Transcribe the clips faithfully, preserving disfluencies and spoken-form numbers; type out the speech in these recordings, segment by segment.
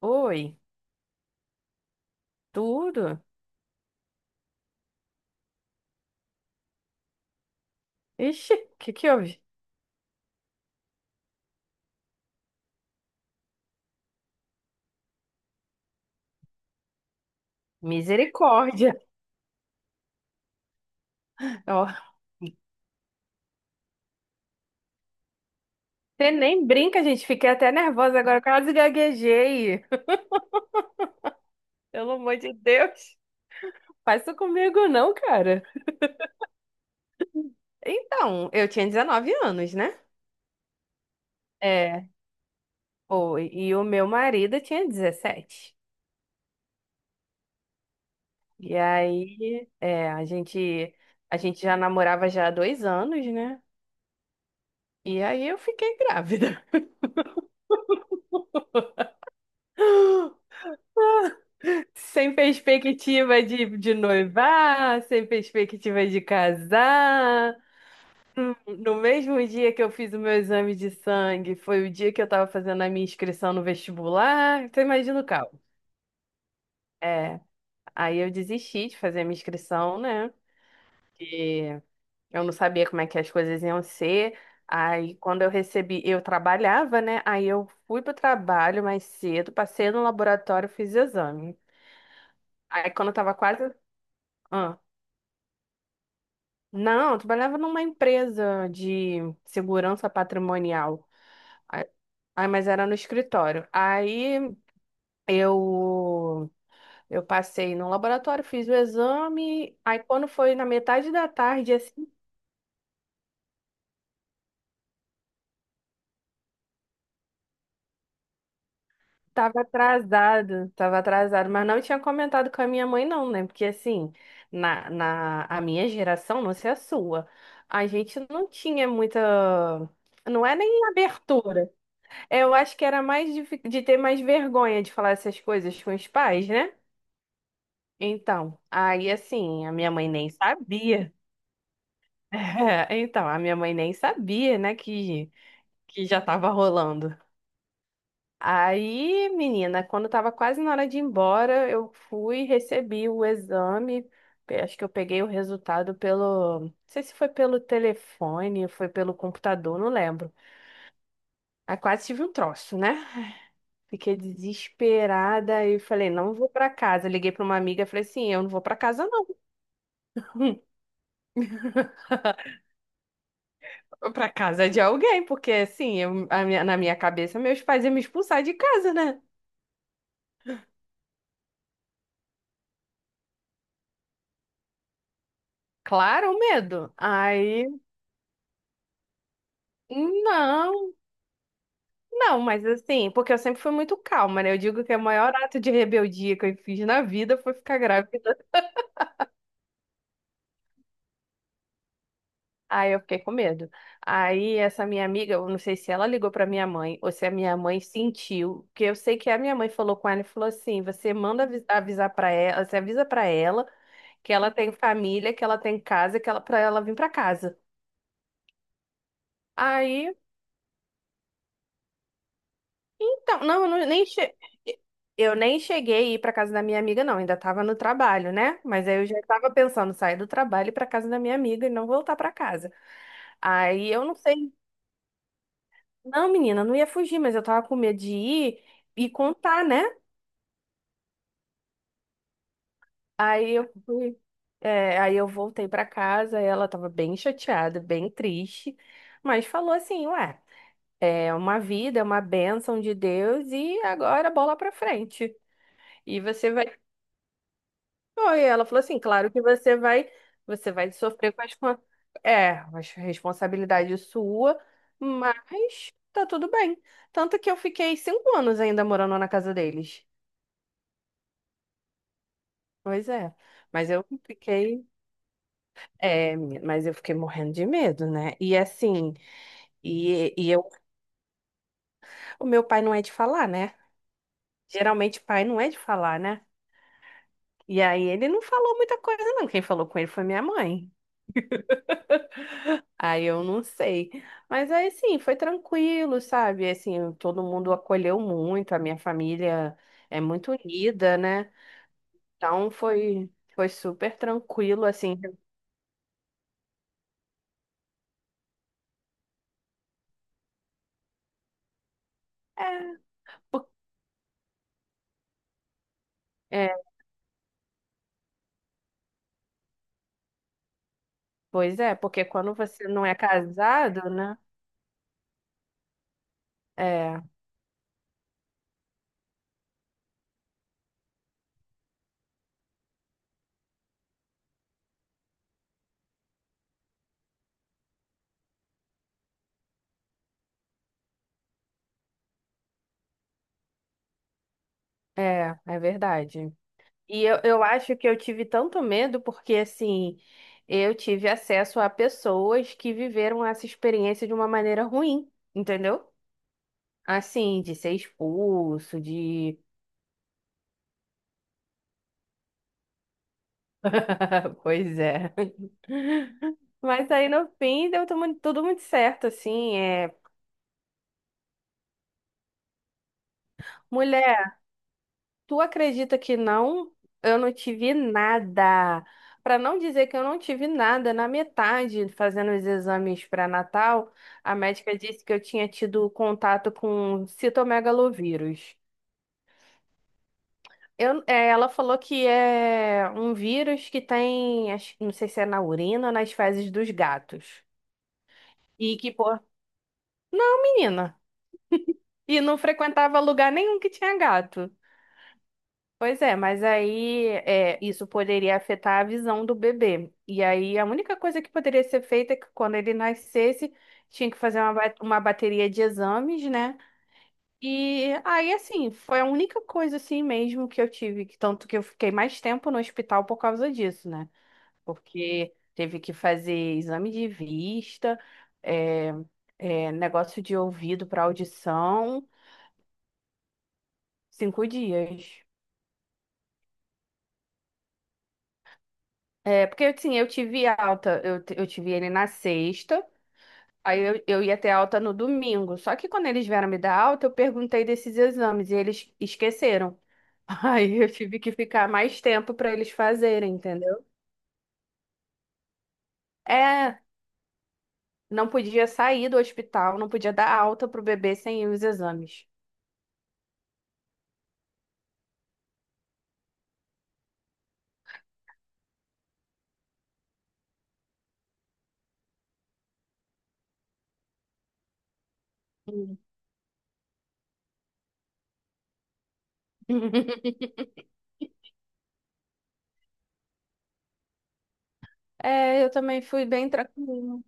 Oi, tudo? Ixi, o que que houve? Misericórdia. Ó, você nem brinca, gente. Fiquei até nervosa agora, quase gaguejei. Pelo amor de Deus. Faz isso comigo não, cara. Então, eu tinha dezenove anos, né? É, foi. E o meu marido tinha dezessete. E aí, é, a gente, a gente já namorava já há dois anos, né? E aí eu fiquei grávida. Sem perspectiva de, de noivar, sem perspectiva de casar. No mesmo dia que eu fiz o meu exame de sangue, foi o dia que eu estava fazendo a minha inscrição no vestibular. Então imagina o caos. É, aí eu desisti de fazer a minha inscrição, né? Porque eu não sabia como é que as coisas iam ser. Aí quando eu recebi, eu trabalhava, né? Aí eu fui pro trabalho mais cedo, passei no laboratório, fiz exame. Aí quando eu tava quase. Não, eu trabalhava numa empresa de segurança patrimonial. Ah, ah, mas era no escritório. Aí eu eu passei no laboratório, fiz o exame. Aí quando foi na metade da tarde, assim, tava atrasado, tava atrasado, mas não tinha comentado com a minha mãe não, né? Porque assim, na, na a minha geração, não sei a sua, a gente não tinha muita, não é nem abertura. Eu acho que era mais de, fi- de ter mais vergonha de falar essas coisas com os pais, né? Então, aí assim, a minha mãe nem sabia. Então, a minha mãe nem sabia, né, que, que já tava rolando. Aí, menina, quando tava quase na hora de ir embora, eu fui, recebi o exame. pe- Acho que eu peguei o resultado pelo. Não sei se foi pelo telefone, foi pelo computador, não lembro. Aí quase tive um troço, né? Fiquei desesperada e falei, não vou pra casa. Liguei pra uma amiga e falei assim, eu não vou pra casa não. Vou pra casa de alguém, porque assim, eu- a minha- na minha cabeça meus pais iam me expulsar de casa, né? Claro, o medo. Aí, não, não, mas assim, porque eu sempre fui muito calma, né? Eu digo que o maior ato de rebeldia que eu fiz na vida foi ficar grávida. Aí eu fiquei com medo. Aí essa minha amiga, eu não sei se ela ligou para minha mãe ou se a minha mãe sentiu, porque eu sei que a minha mãe falou com ela e falou assim: "Você manda avi- avisar para ela, você avisa para ela que ela tem família, que ela tem casa, que ela para ela vir para casa". Aí, então, não, eu não- nem che... eu nem cheguei a ir para casa da minha amiga não, ainda estava no trabalho, né? Mas aí eu já estava pensando em sair do trabalho e ir para casa da minha amiga e não voltar para casa. Aí eu não sei. Não, menina, não ia fugir, mas eu tava com medo de ir e contar, né? Aí eu fui, é, aí eu voltei pra casa, ela tava bem chateada, bem triste, mas falou assim, ué, é uma vida, é uma bênção de Deus e agora bola pra frente. E você vai. Oi, ela falou assim, claro que você vai, você vai sofrer com as, con- é, as responsabilidade sua, mas tá tudo bem. Tanto que eu fiquei cinco anos ainda morando na casa deles. Pois é, mas eu fiquei, é, menina, mas eu fiquei morrendo de medo, né? E assim, e, e eu, o meu pai não é de falar, né? Geralmente pai não é de falar, né? E aí ele não falou muita coisa, não. Quem falou com ele foi minha mãe. Aí eu não sei. Mas aí sim, foi tranquilo, sabe? Assim, todo mundo acolheu muito, a minha família é muito unida, né? Então foi, foi super tranquilo, assim. É, po- é, pois é, porque quando você não é casado, né? É, é, é, verdade. E eu, eu acho que eu tive tanto medo porque, assim, eu tive acesso a pessoas que viveram essa experiência de uma maneira ruim, entendeu? Assim, de ser expulso, de. Pois é. Mas aí no fim deu tudo muito tudo muito certo, assim. É... Tu acredita que não? Eu não tive nada. Para não dizer que eu não tive nada, na metade, fazendo os exames para Natal, a médica disse que eu tinha tido contato com citomegalovírus. Eu, é, ela falou que é um vírus que tem, acho- não sei se é na urina ou nas fezes dos gatos. E que, pô, menina, e não frequentava lugar nenhum que tinha gato. Pois é, mas aí é, isso poderia afetar a visão do bebê. E aí a única coisa que poderia ser feita é que quando ele nascesse, tinha que fazer uma, ba- uma bateria de exames, né? E aí, assim, foi a única coisa assim mesmo que eu tive, que tanto que eu fiquei mais tempo no hospital por causa disso, né? Porque teve que fazer exame de vista, é, é, negócio de ouvido para audição, cinco dias. É, porque assim, eu tive alta, eu, t- eu tive ele na sexta, aí eu, eu ia ter alta no domingo. Só que quando eles vieram me dar alta, eu perguntei desses exames e eles esqueceram. Aí eu tive que ficar mais tempo para eles fazerem, entendeu? É, não podia sair do hospital, não podia dar alta pro bebê sem os exames. Hum. É, eu também fui bem tranquila.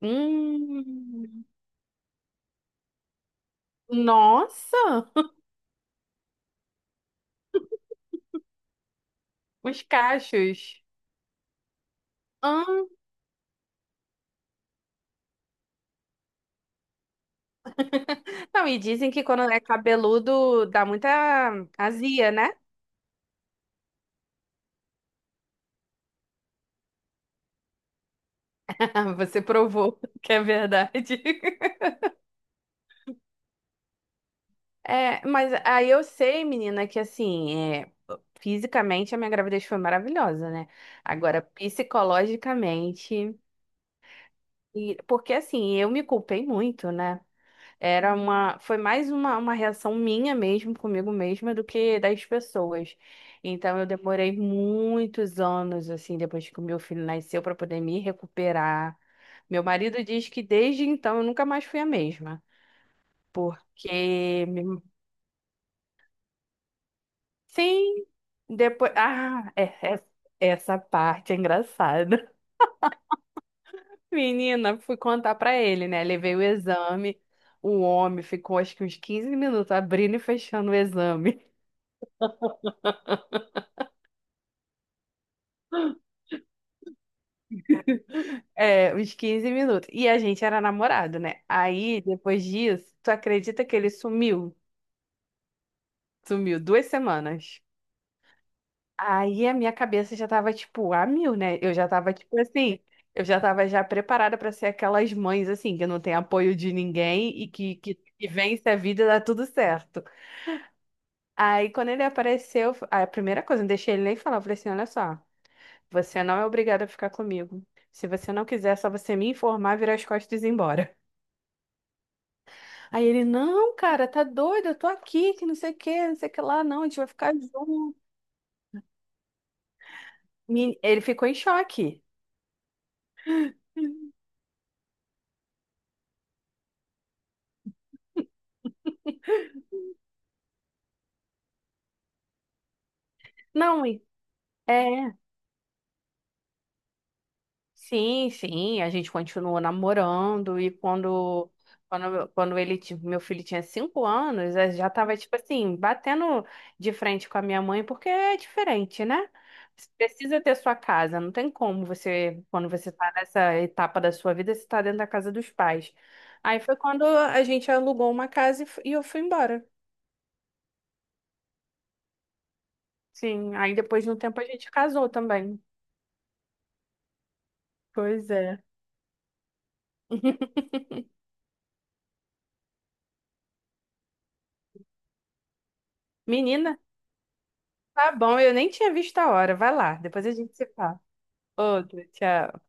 Hum, nossa, os cachos. Não, e dizem que quando é cabeludo dá muita azia, né? Você provou que é verdade. É, mas aí eu sei, menina, que assim, é, fisicamente a minha gravidez foi maravilhosa, né? Agora, psicologicamente. E, porque assim, eu me culpei muito, né? Era uma, foi mais uma, uma reação minha mesmo, comigo mesma, do que das pessoas. Então eu demorei muitos anos, assim, depois que o meu filho nasceu, para poder me recuperar. Meu marido diz que desde então eu nunca mais fui a mesma. Porque, me- sim, depois. Ah, é, é- essa parte é engraçada. Menina, fui contar pra ele, né? Levei o exame. O homem ficou acho que uns quinze minutos abrindo e fechando o exame. É, uns quinze minutos. E a gente era namorado, né? Aí, depois disso, tu acredita que ele sumiu? Sumiu duas semanas. Aí a minha cabeça já tava, tipo, a mil, né? Eu já tava, tipo, assim, eu já tava já preparada pra ser aquelas mães, assim, que não tem apoio de ninguém e que, que, que vence a vida e dá tudo certo. Aí, quando ele apareceu, a primeira coisa, eu não deixei ele nem falar, eu falei assim, olha só, você não é obrigado a ficar comigo. Se você não quiser, é só você me informar, virar as costas e ir embora. Aí ele, não, cara, tá doido, eu tô aqui, que não sei o que, não sei o que lá, não, a gente vai ficar junto. Me- Ele ficou em choque. Não, é. Sim, sim, a gente continuou namorando e quando, quando, quando ele, ti- meu filho tinha cinco anos, eu já tava, tipo assim, batendo de frente com a minha mãe, porque é diferente, né? Você precisa ter sua casa, não tem como você, quando você tá nessa etapa da sua vida, você tá dentro da casa dos pais. Aí foi quando a gente alugou uma casa e fu- e eu fui embora. Sim, aí depois de um tempo a gente casou também. Pois é. Menina. Tá bom, eu nem tinha visto a hora. Vai lá, depois a gente se fala. Outro, tchau.